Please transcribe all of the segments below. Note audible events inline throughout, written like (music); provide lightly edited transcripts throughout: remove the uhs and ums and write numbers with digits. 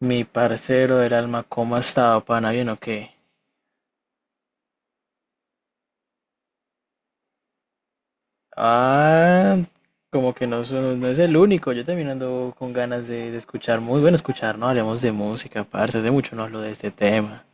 Mi parcero del alma, ¿cómo ha estado, pana? ¿Bien o qué? Ah, Como que no, no es el único. Yo también ando con ganas de escuchar muy bueno escuchar, ¿no? Hablemos de música, parce. Hace mucho no hablo de este tema.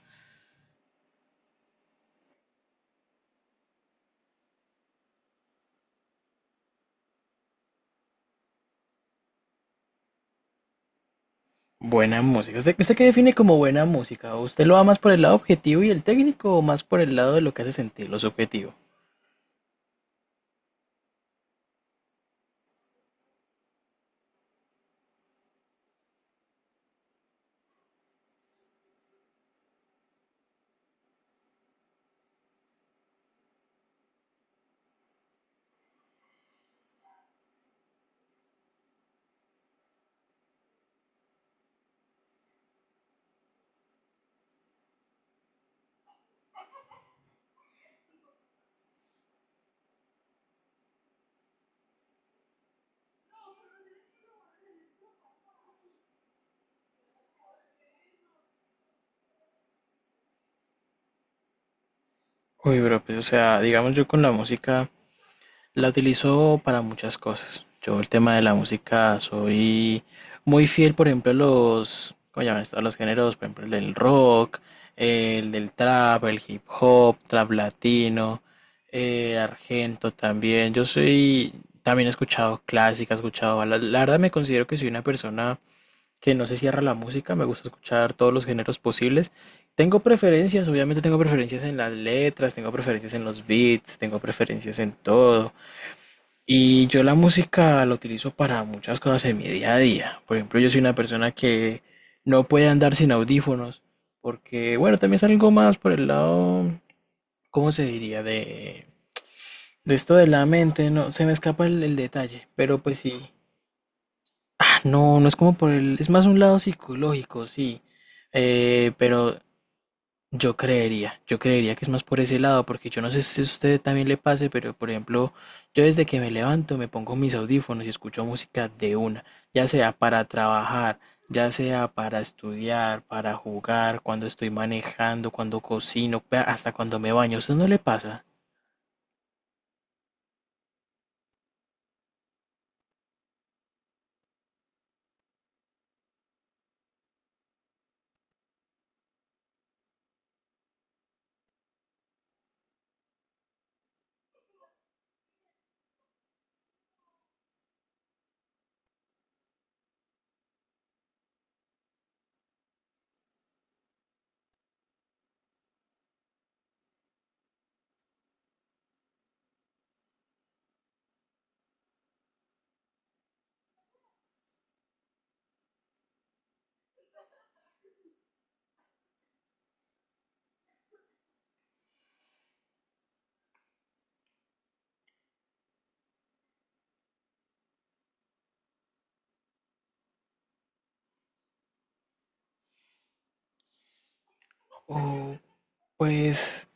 Buena música. ¿Usted qué define como buena música? ¿Usted lo va más por el lado objetivo y el técnico o más por el lado de lo que hace sentir, lo subjetivo? Uy, bro, pues o sea, digamos yo con la música. La utilizo para muchas cosas. Yo el tema de la música soy muy fiel, por ejemplo, a los, ¿cómo llaman esto? A los géneros, por ejemplo, el del rock, el del trap, el hip hop, trap latino, argento también. Yo soy, también he escuchado clásica, he escuchado baladas. La verdad me considero que soy una persona que no se cierra a la música, me gusta escuchar todos los géneros posibles. Tengo preferencias, obviamente tengo preferencias en las letras, tengo preferencias en los beats, tengo preferencias en todo. Y yo la música la utilizo para muchas cosas en mi día a día. Por ejemplo, yo soy una persona que no puede andar sin audífonos, porque, bueno, también es algo más por el lado, ¿cómo se diría? De esto de la mente, no, se me escapa el detalle, pero pues sí. Ah, no, no es como por el, es más un lado psicológico, sí. Pero yo creería que es más por ese lado, porque yo no sé si a usted también le pase, pero por ejemplo, yo desde que me levanto me pongo mis audífonos y escucho música de una, ya sea para trabajar, ya sea para estudiar, para jugar, cuando estoy manejando, cuando cocino, hasta cuando me baño. ¿A usted no le pasa? Oh, pues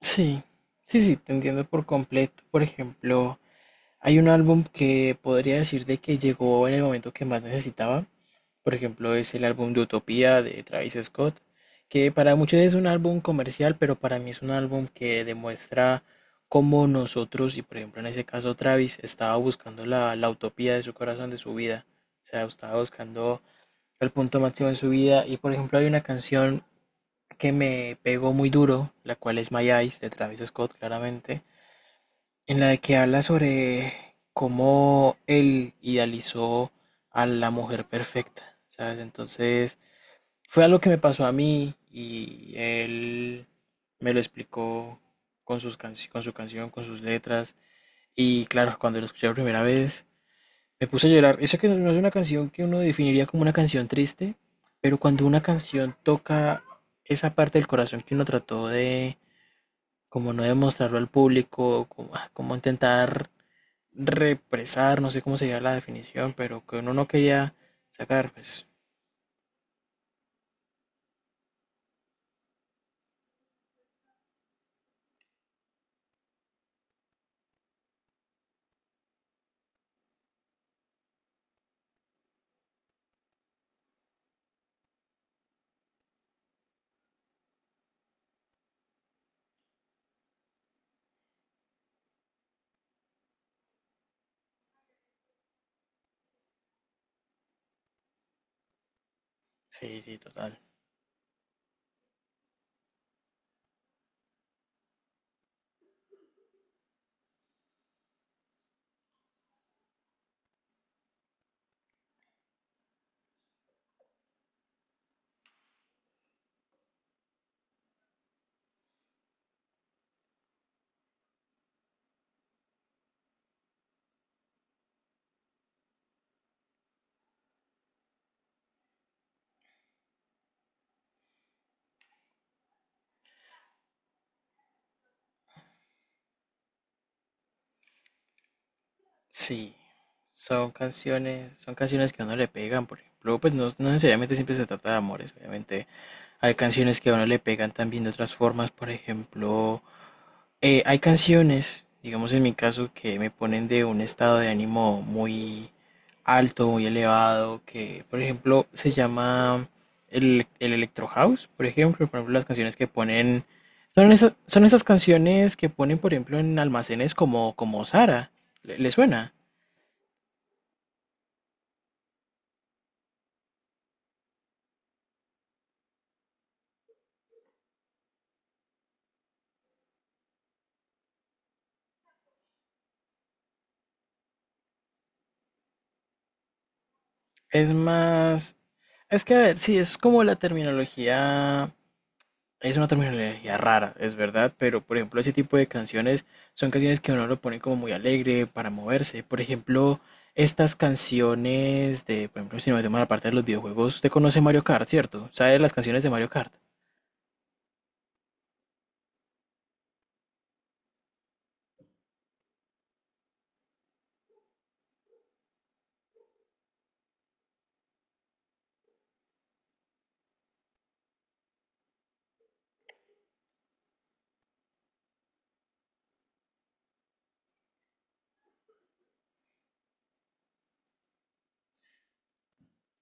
sí, sí, sí, te entiendo por completo. Por ejemplo, hay un álbum que podría decir de que llegó en el momento que más necesitaba. Por ejemplo, es el álbum de Utopía de Travis Scott, que para muchos es un álbum comercial, pero para mí es un álbum que demuestra cómo nosotros, y por ejemplo en ese caso Travis, estaba buscando la utopía de su corazón, de su vida. O sea, estaba buscando el punto máximo de su vida. Y por ejemplo hay una canción que me pegó muy duro, la cual es My Eyes de Travis Scott, claramente, en la que habla sobre cómo él idealizó a la mujer perfecta. ¿Sabes? Entonces... Fue algo que me pasó a mí y él me lo explicó con sus con su canción, con sus letras. Y claro, cuando lo escuché la primera vez, me puse a llorar. Eso que no, no es una canción que uno definiría como una canción triste, pero cuando una canción toca esa parte del corazón que uno trató de, como no demostrarlo al público, como, ah, como intentar represar, no sé cómo sería la definición, pero que uno no quería sacar, pues sí, sí, total. Sí, son canciones que a uno le pegan, por ejemplo, pues no, no necesariamente siempre se trata de amores, obviamente hay canciones que a uno le pegan también de otras formas, por ejemplo, hay canciones, digamos en mi caso, que me ponen de un estado de ánimo muy alto, muy elevado, que por ejemplo se llama el electro house, por ejemplo las canciones que ponen, son esas canciones que ponen, por ejemplo, en almacenes como, como Zara, ¿le suena? Es más, es que a ver, sí, es como la terminología, es una terminología rara, es verdad, pero por ejemplo ese tipo de canciones son canciones que uno lo pone como muy alegre para moverse. Por ejemplo, estas canciones de, por ejemplo, si nos metemos a la parte de los videojuegos, usted conoce Mario Kart, ¿cierto? ¿Sabe las canciones de Mario Kart?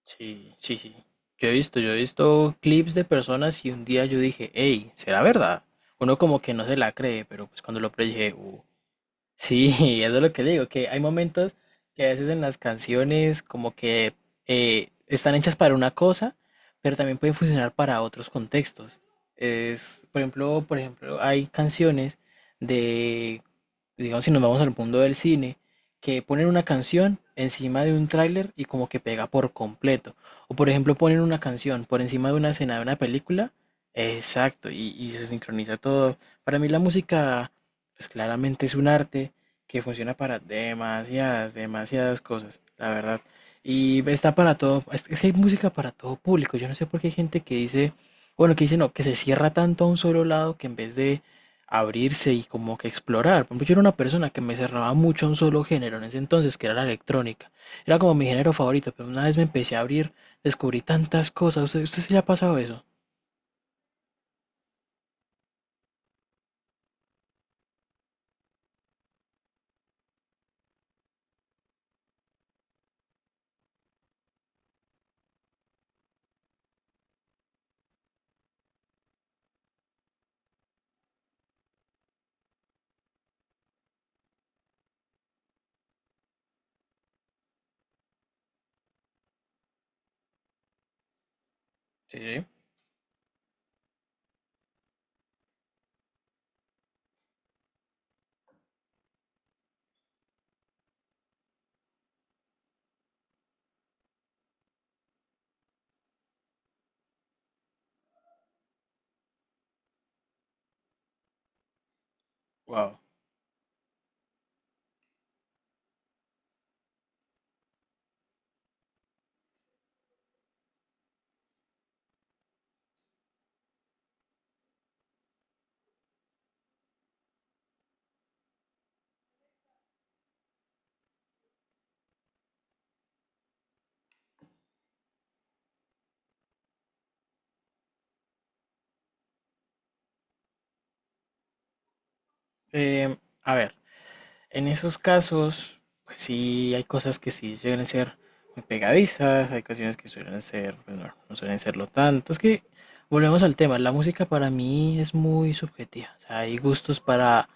Sí, sí, sí. Yo he visto clips de personas y un día yo dije, hey, ¿será verdad? Uno como que no se la cree, pero pues cuando lo probé dije". Sí, (laughs) eso es lo que digo, que hay momentos que a veces en las canciones como que están hechas para una cosa, pero también pueden funcionar para otros contextos. Es, por ejemplo, hay canciones de digamos, si nos vamos al mundo del cine, que ponen una canción encima de un tráiler y como que pega por completo. O por ejemplo, ponen una canción por encima de una escena de una película. Exacto, y se sincroniza todo. Para mí la música, pues claramente es un arte que funciona para demasiadas, demasiadas cosas, la verdad. Y está para todo, es que hay música para todo público. Yo no sé por qué hay gente que dice, bueno, que dice no, que se cierra tanto a un solo lado que en vez de abrirse y como que explorar. Por ejemplo, yo era una persona que me cerraba mucho a un solo género en ese entonces, que era la electrónica. Era como mi género favorito, pero una vez me empecé a abrir, descubrí tantas cosas. ¿Usted sí le ha pasado eso? Sí, wow. Eh, a ver, en esos casos, pues sí, hay cosas que sí suelen ser muy pegadizas, hay canciones que suelen ser, pues no, no suelen serlo tanto. Es que volvemos al tema, la música para mí es muy subjetiva. O sea, hay gustos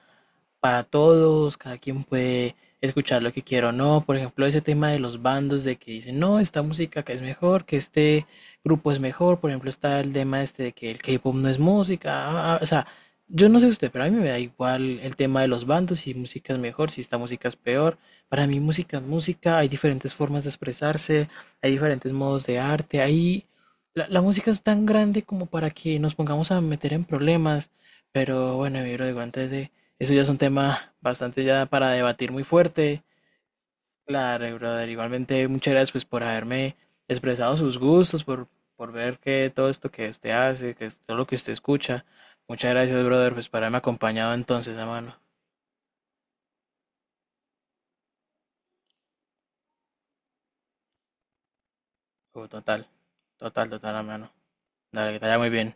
para todos, cada quien puede escuchar lo que quiera o no. Por ejemplo, ese tema de los bandos de que dicen, no, esta música que es mejor, que este grupo es mejor. Por ejemplo, está el tema este de que el K-pop no es música. Ah, ah, ah, o sea, yo no sé usted, pero a mí me da igual el tema de los bandos, si música es mejor, si esta música es peor. Para mí música es música, hay diferentes formas de expresarse, hay diferentes modos de arte, hay... La música es tan grande como para que nos pongamos a meter en problemas, pero bueno, mi bro, digo, antes de eso ya es un tema bastante ya para debatir muy fuerte. Claro, brother. Igualmente, muchas gracias pues por haberme expresado sus gustos, por ver que todo esto que usted hace, que es todo lo que usted escucha. Muchas gracias, brother, pues por haberme acompañado entonces, hermano. Oh, total, total, total, hermano. Dale, que te vaya muy bien.